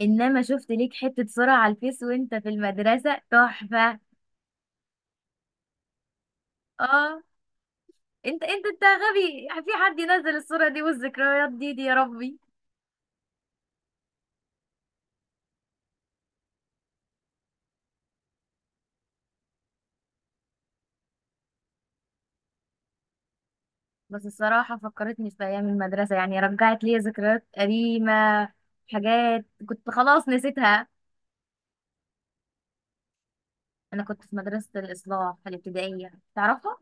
انما شفت ليك حتة صورة على الفيس وانت في المدرسة تحفة. اه. انت غبي؟ في حد ينزل الصورة دي والذكريات دي يا ربي؟ بس الصراحة فكرتني في ايام المدرسة، يعني رجعت لي ذكريات قديمة، حاجات كنت خلاص نسيتها. انا كنت في مدرسة الاصلاح الابتدائية، تعرفها؟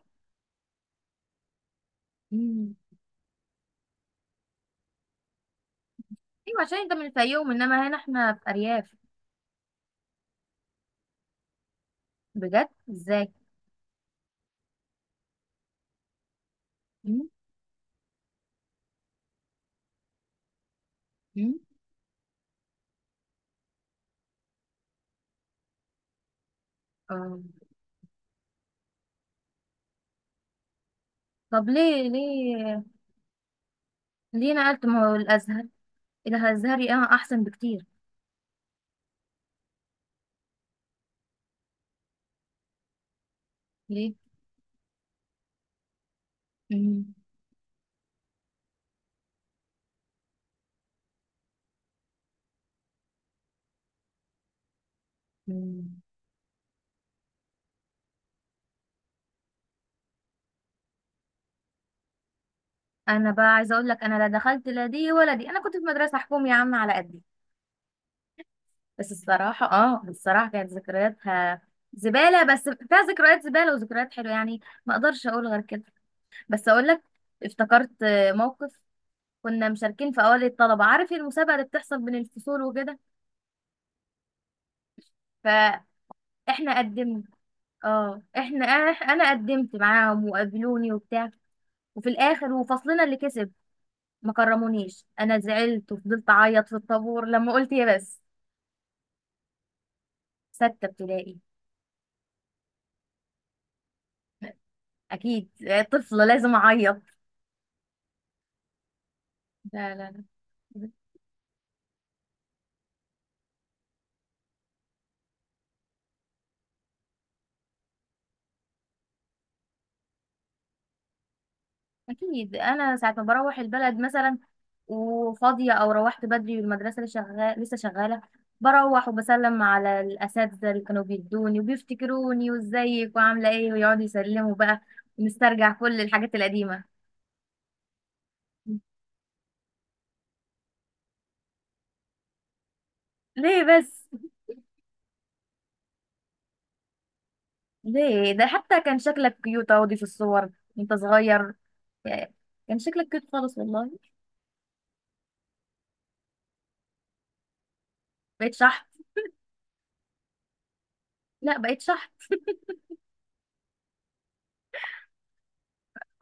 امم. ايوه، عشان انت من الفيوم، انما هنا احنا في ارياف. بجد؟ ازاي؟ امم. امم. آه. طب ليه ليه نقلت ما هو الازهر إلى الازهري؟ اه احسن بكتير. ليه؟ مم. مم. انا بقى عايزه اقول لك، انا لا دخلت لا دي ولا دي، انا كنت في مدرسه حكومي يا عم على قدي. بس الصراحه، اه الصراحه كانت ذكرياتها زباله، بس فيها ذكريات زباله وذكريات حلوه يعني. ما اقدرش اقول غير كده. بس اقول لك، افتكرت موقف. كنا مشاركين في اوائل الطلبه، عارف المسابقه اللي بتحصل بين الفصول وكده، فاحنا قدمنا. اه احنا، انا قدمت معاهم وقابلوني وبتاع، وفي الاخر وفصلنا اللي كسب، ما كرمونيش، انا زعلت وفضلت اعيط في الطابور لما قلت يا بس. ستة ابتدائي. اكيد، طفلة لازم اعيط. لا لا لا. اكيد، انا ساعة ما بروح البلد مثلا وفاضية، او روحت بدري والمدرسة لسه شغالة لسه شغالة، بروح وبسلم على الاساتذة اللي كانوا بيدوني وبيفتكروني وازيك وعاملة ايه، ويقعدوا يسلموا بقى، ونسترجع كل الحاجات القديمة. ليه بس؟ ليه؟ ده حتى كان شكلك كيوت اهو في الصور وانت صغير يعني. كان شكلك كيوت خالص والله. بقيت شحت؟ لا بقيت شحت.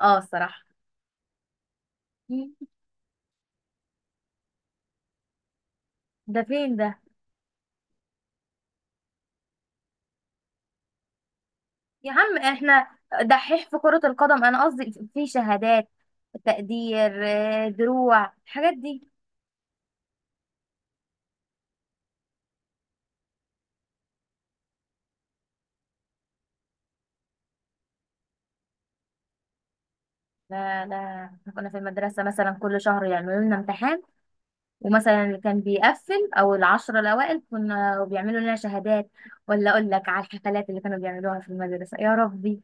اه الصراحة. مم. ده فين ده؟ يا عم احنا دحيح في كرة القدم؟ انا قصدي في شهادات تقدير، دروع، الحاجات دي. لا لا، احنا كنا في المدرسة مثلا كل شهر يعملوا لنا امتحان، ومثلا اللي كان بيقفل او العشرة الاوائل كنا بيعملوا لنا شهادات. ولا اقول لك على الحفلات اللي كانوا بيعملوها في المدرسة يا ربي،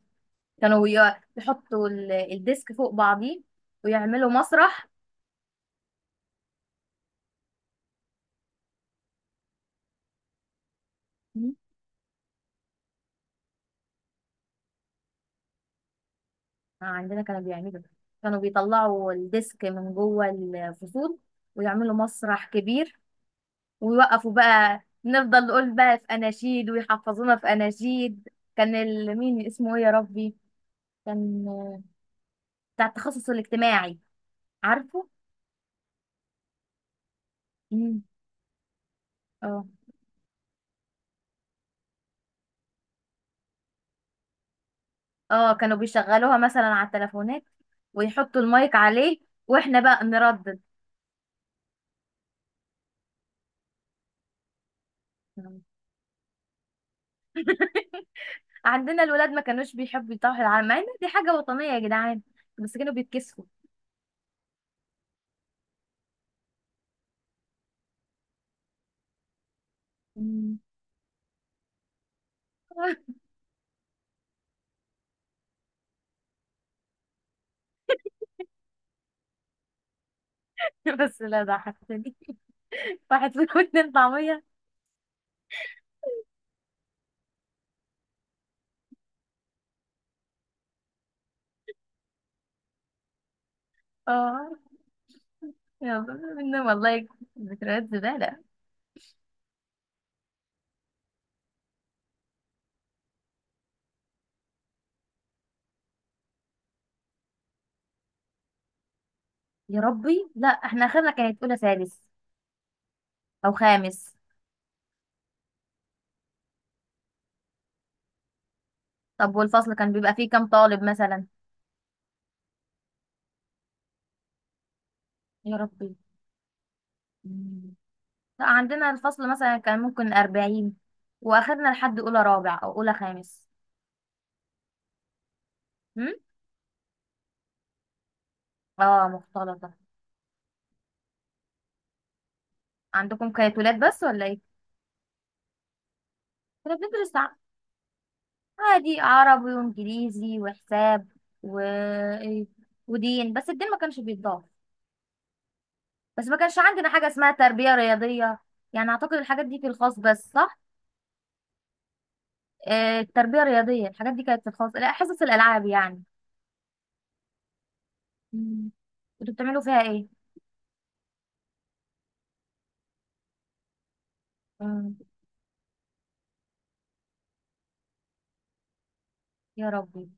كانوا يحطوا الديسك فوق بعضيه ويعملوا مسرح. مم. عندنا كانوا بيعملوا، كانوا بيطلعوا الديسك من جوه الفصول ويعملوا مسرح كبير، ويوقفوا بقى، نفضل نقول بقى في اناشيد ويحفظونا في اناشيد. كان مين اسمه ايه يا ربي، كان بتاع التخصص الاجتماعي، عارفه. مم. اه اه، كانوا بيشغلوها مثلا على التليفونات ويحطوا المايك عليه، واحنا بقى نردد. عندنا الولاد ما كانوش بيحبوا يطاحوا العلم، مع ان دي حاجة وطنية يا جدعان، بس كانوا بيتكسفوا. مم. بس لا ضحكتني. واحد فيهم اتنين طعمية. اه يلا، منهم والله، ذكريات زبالة. يا ربي، لا احنا اخرنا كانت اولى سادس او خامس. طب والفصل كان بيبقى فيه كام طالب مثلا؟ يا ربي. مم. لا عندنا الفصل مثلا كان ممكن 40، وآخرنا لحد أولى رابع أو أولى خامس. هم؟ اه، مختلطة. عندكم كانت ولاد بس ولا ايه؟ كنا بندرس عادي عربي وانجليزي وحساب و... ودين، بس الدين ما كانش بيتضاف، بس ما كانش عندنا حاجة اسمها تربية رياضية، يعني اعتقد الحاجات دي في الخاص بس، صح؟ التربية الرياضية الحاجات دي كانت في الخاص، لا حصص الالعاب يعني. مم. كنتوا بتعملوا فيها ايه؟ مم. يا ربي.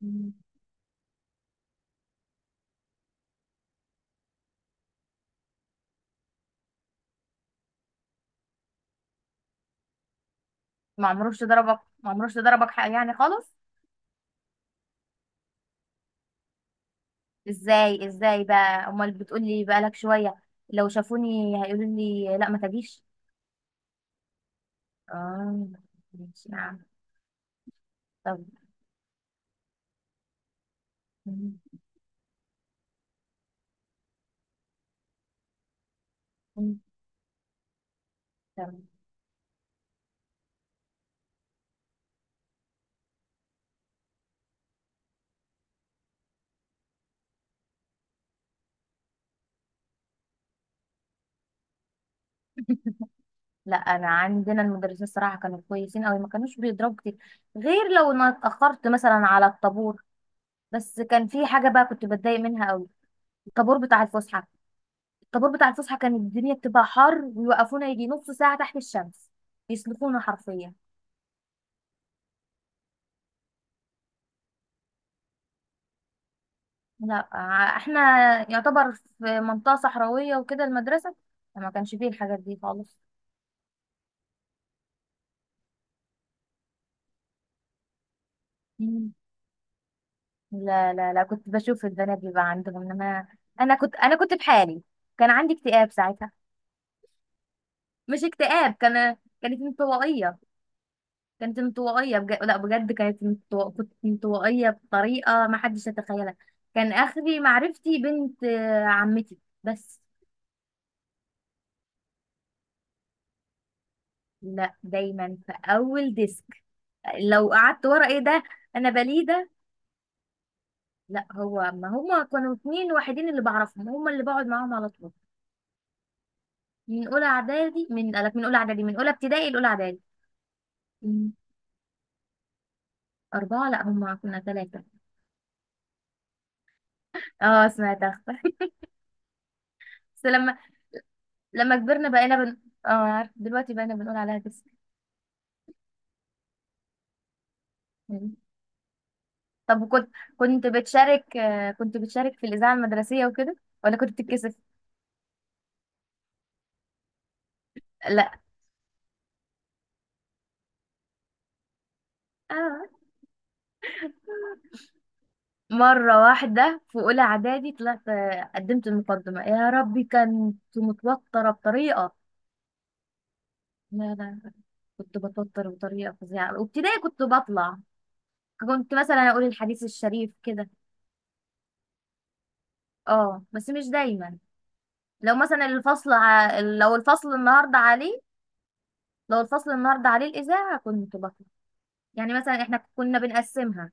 مم. ما عمروش ضربك، ما عمروش ضربك حق يعني خالص. ازاي بقى، امال بتقولي بقالك شوية لو شافوني هيقولوا لي لا ما تجيش؟ اه ماشي، نعم. طب. مم. مم. تمام. لا انا عندنا المدرسين الصراحه كانوا كويسين قوي، ما كانوش بيضربوا كتير، غير لو انا اتاخرت مثلا على الطابور. بس كان في حاجه بقى كنت بتضايق منها قوي، الطابور بتاع الفسحه. الطابور بتاع الفسحه كانت الدنيا بتبقى حر، ويوقفونا يجي نص ساعه تحت الشمس، يسلخونا حرفيا. لا احنا يعتبر في منطقه صحراويه وكده المدرسه، فما كانش فيه الحاجات دي خالص. لا لا لا، كنت بشوف البنات بيبقى عندهم انما انا كنت بحالي. كان عندي اكتئاب ساعتها، مش اكتئاب، كان كانت انطوائيه، كانت انطوائيه لا بجد، كانت كنت انطوائيه بطريقه ما حدش يتخيلها. كان اخري معرفتي بنت عمتي، بس. لا دايما في اول ديسك، لو قعدت ورا ايه ده، انا بليده. لا هو ما هما كانوا اتنين وحيدين اللي بعرفهم، هما اللي بقعد معاهم على طول. من اولى اعدادي، من قالك، من اولى اعدادي، من اولى ابتدائي لاولى اعدادي. مم. أربعة، لا هما كنا ثلاثة. اه سمعت أخطر. بس لما لما كبرنا بقينا اه عارف دلوقتي، بقينا بنقول عليها كسر. مم. طب وكنت، كنت بتشارك في الإذاعة المدرسية وكده، ولا كنت بتتكسف؟ لا. آه. مرة واحدة في أولى إعدادي طلعت قدمت المقدمة، يا ربي كنت متوترة بطريقة. لا لا، كنت بتوتر بطريقة فظيعة، وابتدائي كنت بطلع، كنت مثلا أقول الحديث الشريف كده. اه بس مش دايما، لو مثلا الفصل لو الفصل النهارده عليه، لو الفصل النهارده عليه الإذاعة كنت بطلع، يعني مثلا احنا كنا بنقسمها،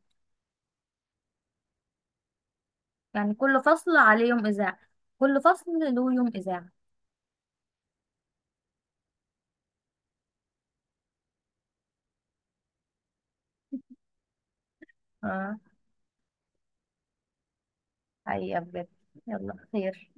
يعني كل فصل عليه يوم إذاعة، كل فصل له يوم إذاعة. اه، حقيقة بجد. يلا خير.